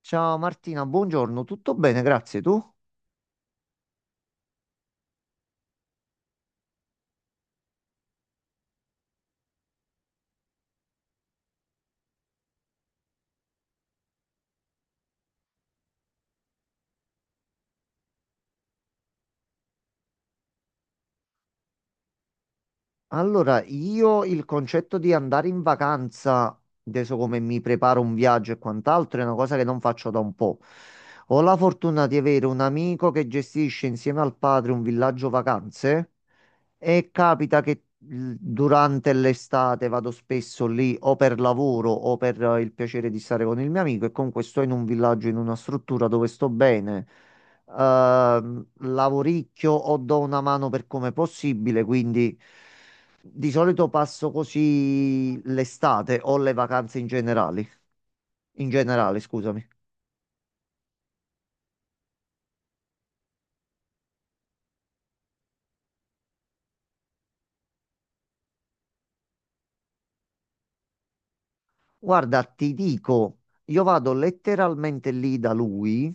Ciao Martina, buongiorno, tutto bene, grazie. Tu? Allora, io il concetto di andare in vacanza, adesso come mi preparo un viaggio e quant'altro, è una cosa che non faccio da un po'. Ho la fortuna di avere un amico che gestisce insieme al padre un villaggio vacanze. E capita che durante l'estate vado spesso lì o per lavoro o per il piacere di stare con il mio amico, e comunque sto in un villaggio, in una struttura dove sto bene. Lavoricchio o do una mano per come possibile, quindi di solito passo così l'estate o le vacanze in generale, scusami. Guarda, ti dico, io vado letteralmente lì da lui.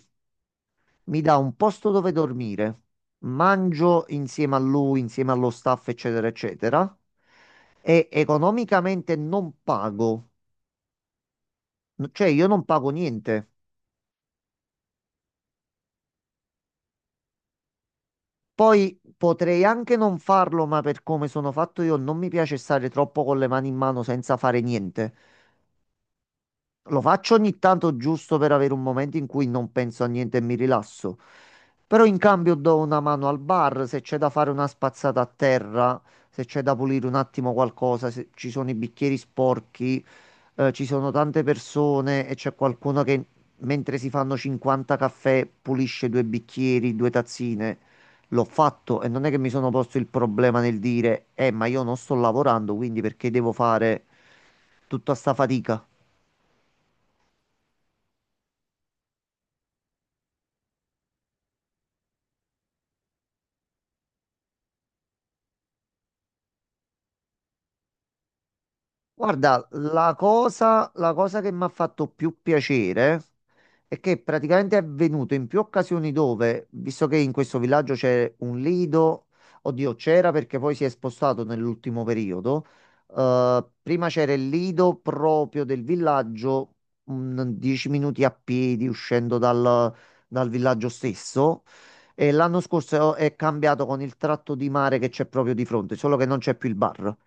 Mi dà un posto dove dormire, mangio insieme a lui, insieme allo staff, eccetera, eccetera, e economicamente non pago. Cioè, io non pago niente. Poi potrei anche non farlo, ma per come sono fatto io non mi piace stare troppo con le mani in mano senza fare niente. Lo faccio ogni tanto giusto per avere un momento in cui non penso a niente e mi rilasso. Però in cambio do una mano al bar, se c'è da fare una spazzata a terra, se c'è da pulire un attimo qualcosa, se ci sono i bicchieri sporchi. Eh, ci sono tante persone e c'è qualcuno che mentre si fanno 50 caffè pulisce due bicchieri, due tazzine. L'ho fatto e non è che mi sono posto il problema nel dire, ma io non sto lavorando, quindi perché devo fare tutta sta fatica? Guarda, la cosa che mi ha fatto più piacere è che praticamente è avvenuto in più occasioni dove, visto che in questo villaggio c'è un lido, oddio, c'era, perché poi si è spostato nell'ultimo periodo. Prima c'era il lido proprio del villaggio, un 10 minuti a piedi uscendo dal villaggio stesso. E l'anno scorso è cambiato con il tratto di mare che c'è proprio di fronte, solo che non c'è più il bar.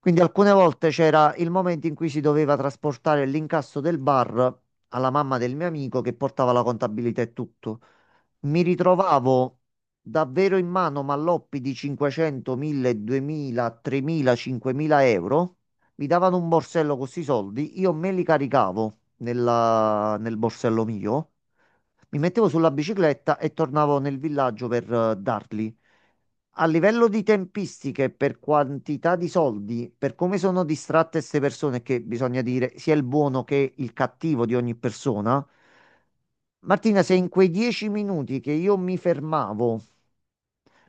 Quindi alcune volte c'era il momento in cui si doveva trasportare l'incasso del bar alla mamma del mio amico, che portava la contabilità e tutto. Mi ritrovavo davvero in mano malloppi di 500, 1000, 2000, 3000, 5000 euro. Mi davano un borsello con questi soldi, io me li caricavo nel borsello mio, mi mettevo sulla bicicletta e tornavo nel villaggio per darli. A livello di tempistiche, per quantità di soldi, per come sono distratte queste persone, che bisogna dire sia il buono che il cattivo di ogni persona, Martina, se in quei dieci minuti che io mi fermavo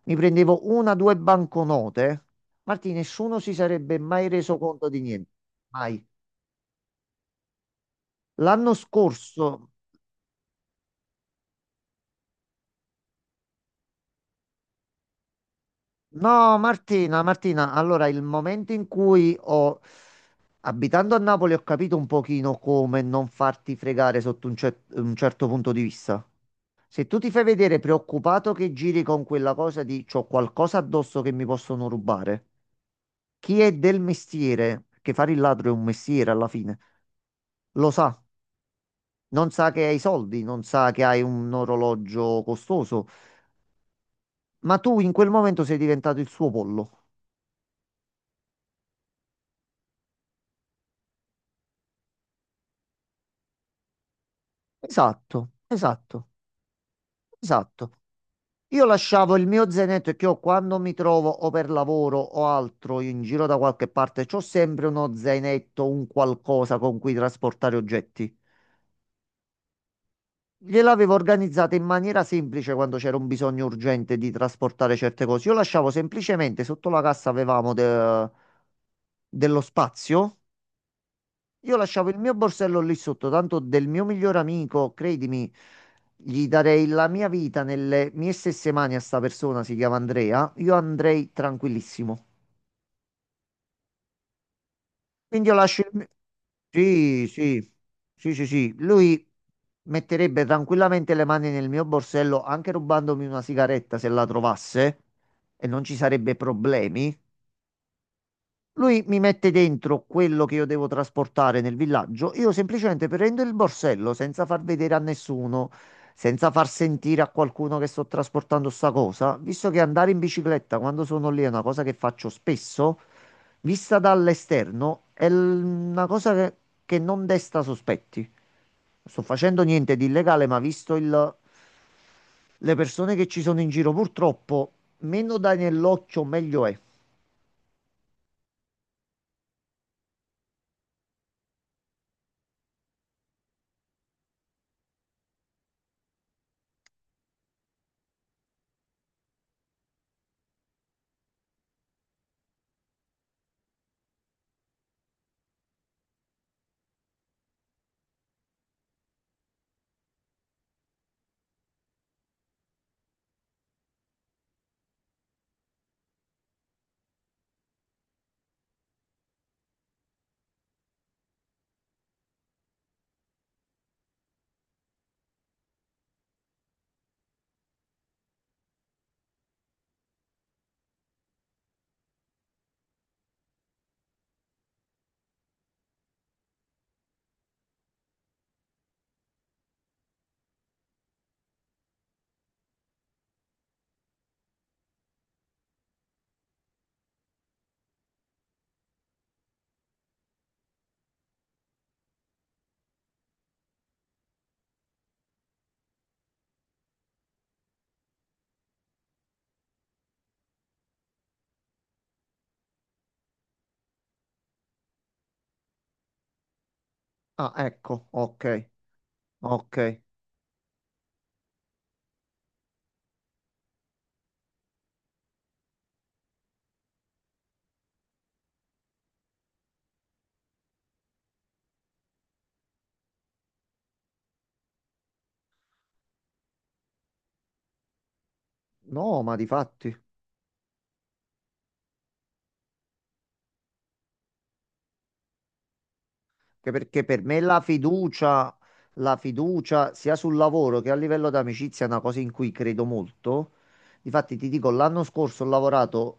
mi prendevo una o due banconote, Martina, nessuno si sarebbe mai reso conto di niente. Mai. L'anno scorso... No, Martina, Martina, allora il momento in cui ho, abitando a Napoli, ho capito un pochino come non farti fregare sotto un, un certo punto di vista. Se tu ti fai vedere preoccupato, che giri con quella cosa di c'ho qualcosa addosso che mi possono rubare, chi è del mestiere, che fare il ladro è un mestiere alla fine, lo sa. Non sa che hai soldi, non sa che hai un orologio costoso, ma tu in quel momento sei diventato il suo pollo. Esatto, esatto, esatto. Io lasciavo il mio zainetto, che ho quando mi trovo o per lavoro o altro in giro da qualche parte, c'ho sempre uno zainetto, un qualcosa con cui trasportare oggetti. Gliel'avevo organizzata in maniera semplice quando c'era un bisogno urgente di trasportare certe cose. Io lasciavo semplicemente sotto la cassa, avevamo dello spazio. Io lasciavo il mio borsello lì sotto, tanto del mio migliore amico, credimi, gli darei la mia vita nelle mie stesse mani, a sta persona, si chiama Andrea, io andrei tranquillissimo. Quindi io lascio il... mi- Sì, sì, sì, sì, sì. Lui metterebbe tranquillamente le mani nel mio borsello, anche rubandomi una sigaretta se la trovasse, e non ci sarebbe problemi. Lui mi mette dentro quello che io devo trasportare nel villaggio. Io semplicemente prendo il borsello senza far vedere a nessuno, senza far sentire a qualcuno che sto trasportando sta cosa. Visto che andare in bicicletta quando sono lì è una cosa che faccio spesso, vista dall'esterno è una cosa che non desta sospetti. Non sto facendo niente di illegale, ma visto le persone che ci sono in giro, purtroppo, meno dai nell'occhio, meglio è. Ah, ecco, ok. Ok, no, ma di fatti... Che perché per me la fiducia, sia sul lavoro che a livello d'amicizia, è una cosa in cui credo molto. Difatti ti dico, l'anno scorso ho lavorato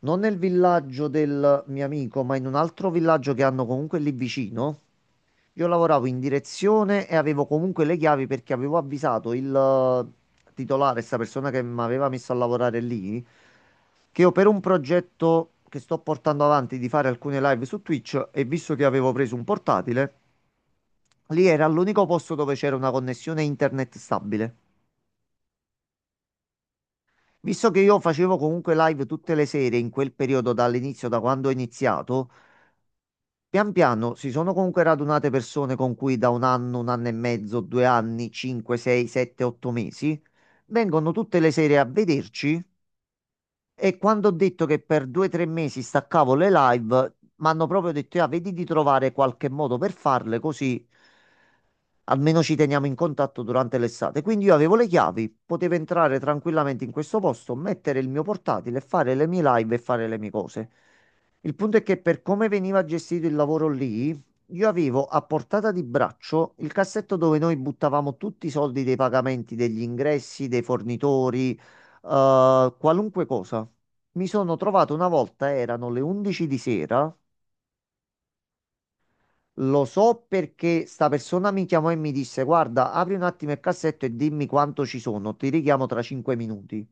non nel villaggio del mio amico, ma in un altro villaggio che hanno comunque lì vicino. Io lavoravo in direzione e avevo comunque le chiavi, perché avevo avvisato il titolare, questa persona che mi aveva messo a lavorare lì, che io, per un progetto che sto portando avanti, di fare alcune live su Twitch, e visto che avevo preso un portatile, lì era l'unico posto dove c'era una connessione internet stabile. Visto che io facevo comunque live tutte le sere, in quel periodo dall'inizio, da quando ho iniziato, pian piano si sono comunque radunate persone con cui da un anno e mezzo, due anni, cinque, sei, sette, otto mesi vengono tutte le sere a vederci. E quando ho detto che per due o tre mesi staccavo le live, mi hanno proprio detto: "Ah, vedi di trovare qualche modo per farle, così almeno ci teniamo in contatto durante l'estate." Quindi io avevo le chiavi, potevo entrare tranquillamente in questo posto, mettere il mio portatile, fare le mie live e fare le mie cose. Il punto è che per come veniva gestito il lavoro lì, io avevo a portata di braccio il cassetto dove noi buttavamo tutti i soldi dei pagamenti, degli ingressi, dei fornitori, qualunque cosa. Mi sono trovato una volta, erano le 11 di sera. Lo so perché sta persona mi chiamò e mi disse: "Guarda, apri un attimo il cassetto e dimmi quanto ci sono. Ti richiamo tra 5 minuti."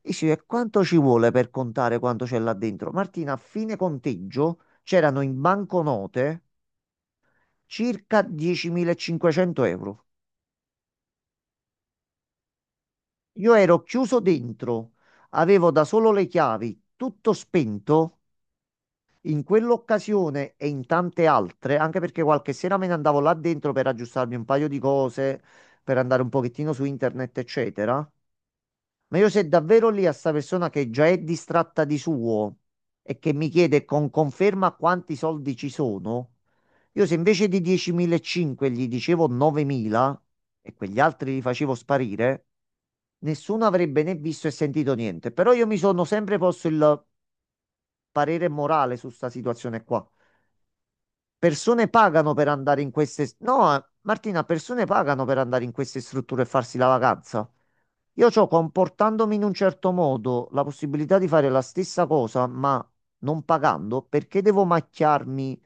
Dici, e quanto ci vuole per contare quanto c'è là dentro? Martina, a fine conteggio c'erano in banconote circa 10.500 euro. Io ero chiuso dentro, avevo da solo le chiavi, tutto spento. In quell'occasione e in tante altre, anche perché qualche sera me ne andavo là dentro per aggiustarmi un paio di cose, per andare un pochettino su internet, eccetera. Ma io, se davvero lì a sta persona, che già è distratta di suo e che mi chiede con conferma quanti soldi ci sono, io se invece di 10.500 gli dicevo 9.000 e quegli altri li facevo sparire, nessuno avrebbe né visto e sentito niente. Però io mi sono sempre posto il parere morale su sta situazione qua. Persone pagano per andare in queste... No, Martina, persone pagano per andare in queste strutture e farsi la vacanza. Io c'ho, comportandomi in un certo modo, la possibilità di fare la stessa cosa, ma non pagando. Perché devo macchiarmi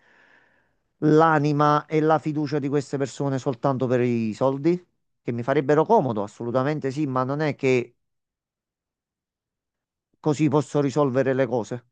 l'anima e la fiducia di queste persone soltanto per i soldi? Che mi farebbero comodo, assolutamente sì, ma non è che così posso risolvere le cose.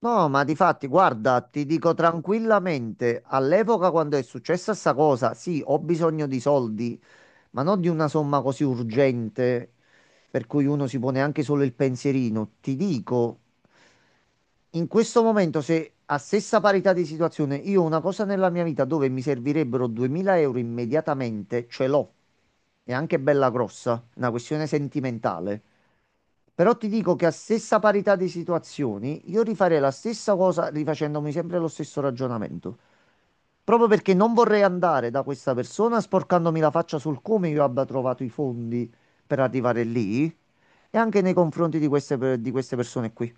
No, ma di fatti, guarda, ti dico tranquillamente, all'epoca quando è successa sta cosa, sì, ho bisogno di soldi, ma non di una somma così urgente per cui uno si pone anche solo il pensierino. Ti dico, in questo momento, se a stessa parità di situazione io ho una cosa nella mia vita dove mi servirebbero 2000 euro immediatamente, ce l'ho. È anche bella grossa, è una questione sentimentale. Però ti dico che a stessa parità di situazioni, io rifarei la stessa cosa, rifacendomi sempre lo stesso ragionamento. Proprio perché non vorrei andare da questa persona sporcandomi la faccia sul come io abbia trovato i fondi per arrivare lì, e anche nei confronti di di queste persone qui.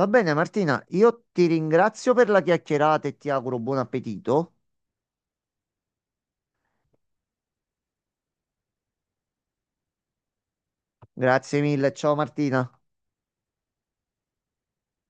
Va bene, Martina, io ti ringrazio per la chiacchierata e ti auguro buon appetito. Grazie mille, ciao Martina.